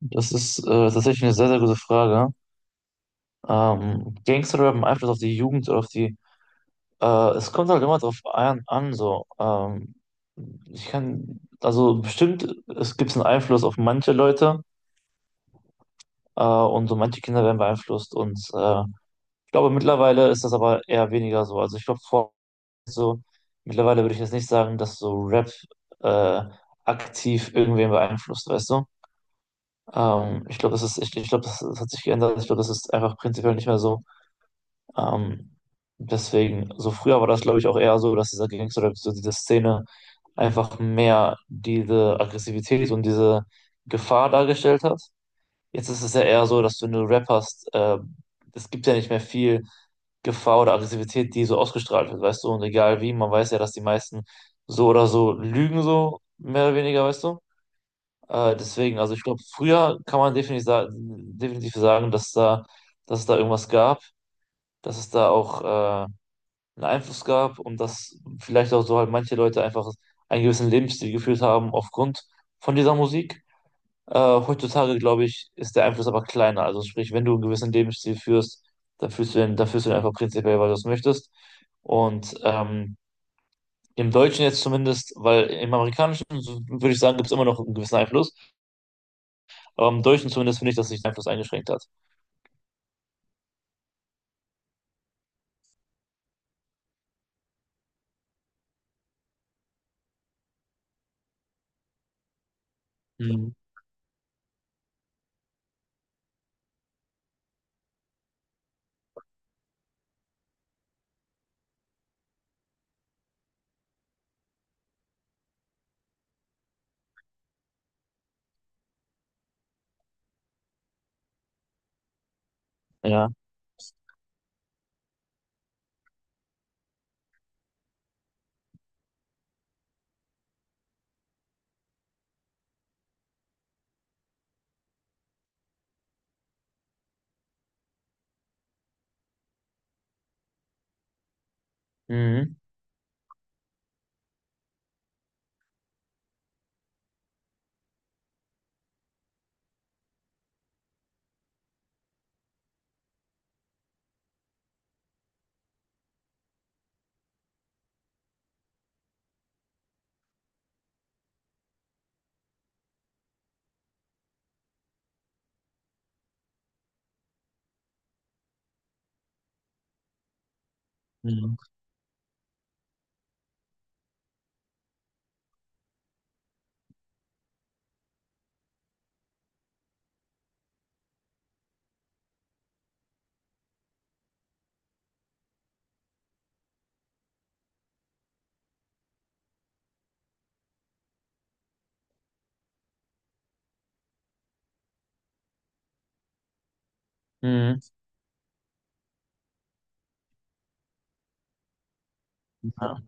Das ist tatsächlich eine sehr, sehr gute Frage. Rap im Einfluss auf die Jugend oder auf die. Äh, Es kommt halt immer drauf an, an so. Ich kann, also bestimmt, es gibt einen Einfluss auf manche Leute und so manche Kinder werden beeinflusst. Und ich glaube, mittlerweile ist das aber eher weniger so. Also ich glaube, vor so, mittlerweile würde ich jetzt nicht sagen, dass so Rap äh, aktiv irgendwen beeinflusst, weißt du? Ich glaube, das ist, ich glaube, das hat sich geändert. Ich glaube, das ist einfach prinzipiell nicht mehr so. Ähm, Deswegen, so früher war das, glaube ich, auch eher so, dass dieser Gangster oder so diese Szene einfach mehr diese Aggressivität und diese Gefahr dargestellt hat. Jetzt ist es ja eher so, dass wenn du Rap hast, es gibt ja nicht mehr viel Gefahr oder Aggressivität, die so ausgestrahlt wird, weißt du? Und egal wie, man weiß ja, dass die meisten so oder so lügen, so mehr oder weniger, weißt du? Deswegen, also ich glaube, früher kann man definitiv, definitiv sagen, dass da, dass es da irgendwas gab, dass es da auch einen Einfluss gab und dass vielleicht auch so halt manche Leute einfach einen gewissen Lebensstil geführt haben aufgrund von dieser Musik. Heutzutage, glaube ich, ist der Einfluss aber kleiner. Also sprich, wenn du einen gewissen Lebensstil führst, dann führst du den, dann führst du den einfach prinzipiell, weil du es möchtest. Und im Deutschen jetzt zumindest, weil im Amerikanischen, so würde ich sagen, gibt es immer noch einen gewissen Einfluss, aber im Deutschen zumindest finde ich, dass sich der Einfluss eingeschränkt hat. Mhm. Ja. Mhm. Mhm. Mhm. Ja.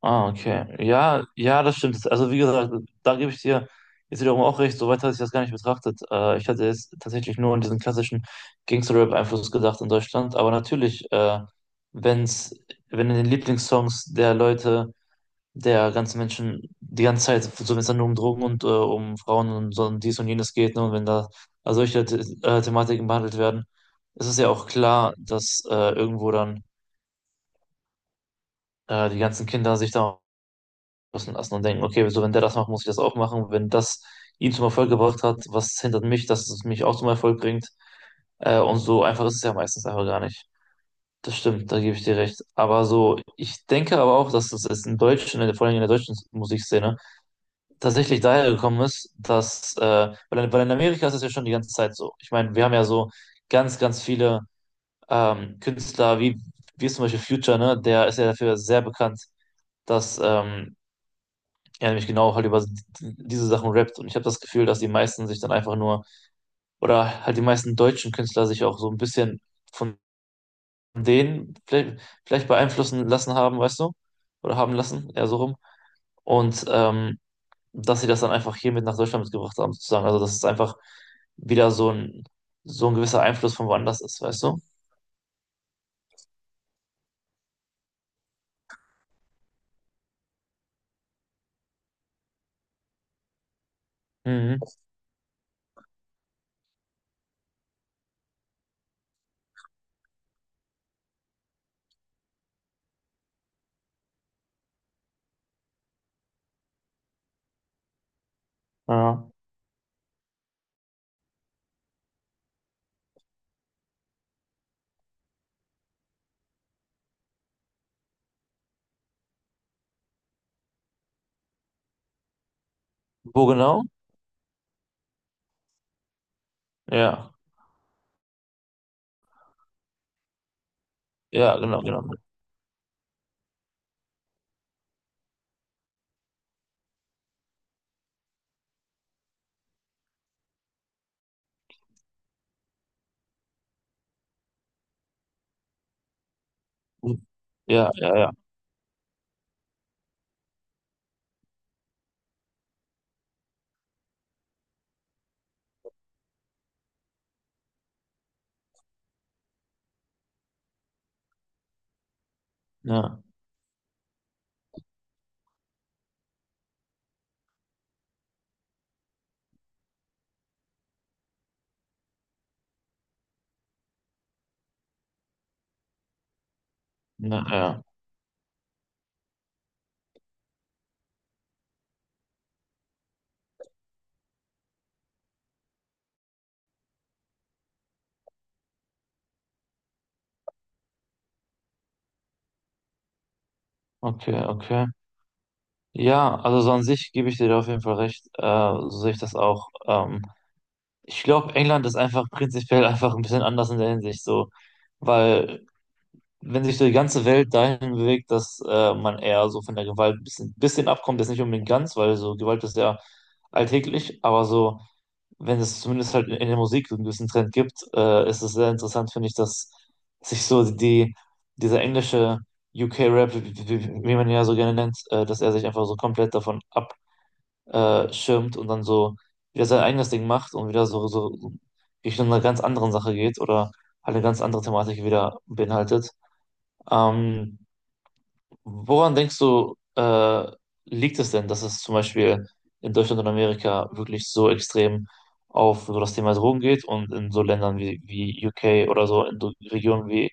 Ah, okay. Ja, ja, das stimmt. Also wie gesagt, da gebe ich dir jetzt wiederum auch recht, soweit hatte ich das gar nicht betrachtet. Ich hatte jetzt tatsächlich nur an diesen klassischen Gangster-Rap-Einfluss gedacht in Deutschland. Aber natürlich, wenn's, wenn in den Lieblingssongs der Leute, der ganzen Menschen die ganze Zeit, so wenn es dann nur um Drogen und um Frauen und so und dies und jenes geht, ne, und wenn da also solche Thematiken behandelt werden, ist es ja auch klar, dass irgendwo dann die ganzen Kinder sich da müssen lassen und denken, okay, so wenn der das macht, muss ich das auch machen. Wenn das ihn zum Erfolg gebracht hat, was hindert mich, dass es mich auch zum Erfolg bringt? Und so einfach ist es ja meistens einfach gar nicht. Das stimmt, da gebe ich dir recht. Aber so, ich denke aber auch, dass es in Deutschland, vor allem in der deutschen Musikszene, tatsächlich daher gekommen ist, dass, weil, weil in Amerika ist es ja schon die ganze Zeit so. Ich meine, wir haben ja so ganz, ganz viele Künstler, wie zum Beispiel Future, ne? Der ist ja dafür sehr bekannt, dass ja, nämlich genau halt über diese Sachen rappt. Und ich habe das Gefühl, dass die meisten sich dann einfach nur, oder halt die meisten deutschen Künstler sich auch so ein bisschen von denen vielleicht beeinflussen lassen haben, weißt du? Oder haben lassen, eher so rum. Und dass sie das dann einfach hier mit nach Deutschland mitgebracht haben, sozusagen. Also, dass es einfach wieder so ein gewisser Einfluss von woanders ist, weißt du? Mhm. Ja. Wo genau? Ja, ja, genau, genau. Ja, ja, ja, ja, ja, ja. Okay, okay. Ja, also so an sich gebe ich dir da auf jeden Fall recht. So sehe ich das auch. Ich glaube, England ist einfach prinzipiell einfach ein bisschen anders in der Hinsicht so, weil wenn sich so die ganze Welt dahin bewegt, dass man eher so von der Gewalt ein bisschen abkommt, jetzt nicht unbedingt ganz, weil so Gewalt ist ja alltäglich, aber so, wenn es zumindest halt in der Musik so einen gewissen Trend gibt, ist es sehr interessant, finde ich, dass sich so die, dieser englische UK-Rap, wie man ihn ja so gerne nennt, dass er sich einfach so komplett davon ab schirmt und dann so wieder sein eigenes Ding macht und wieder so, so Richtung einer ganz anderen Sache geht oder halt eine ganz andere Thematik wieder beinhaltet. Ähm, Woran denkst du, liegt es denn, dass es zum Beispiel in Deutschland und Amerika wirklich so extrem auf so das Thema Drogen geht und in so Ländern wie UK oder so, in so Regionen wie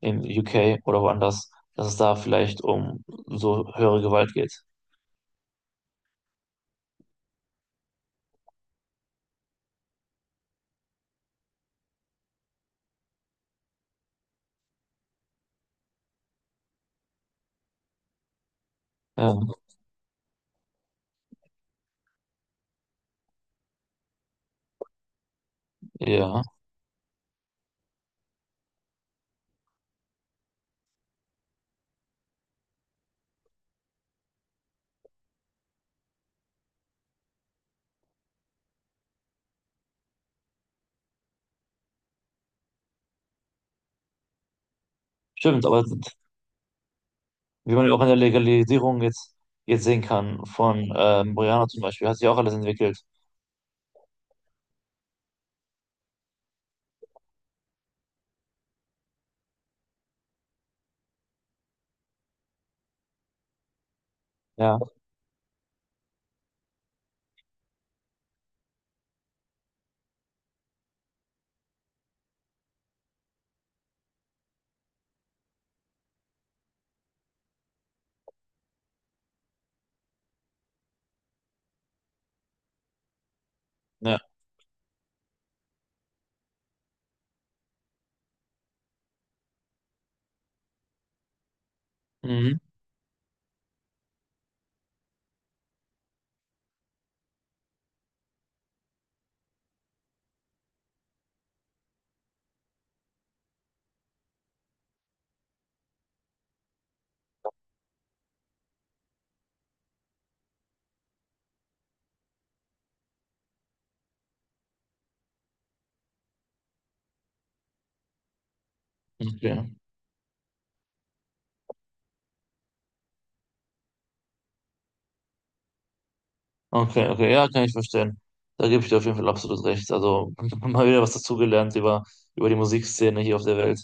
in UK oder woanders, dass es da vielleicht um so höhere Gewalt geht? Ja, ja. Stimmt, aber wie man ja auch in der Legalisierung jetzt sehen kann, von Marihuana zum Beispiel, hat sich auch alles entwickelt. Ja. Ja. Mhm. Okay. Okay, okay, ja, kann ich verstehen. Da gebe ich dir auf jeden Fall absolut recht. Also mal wieder was dazugelernt über, über die Musikszene hier auf der Welt.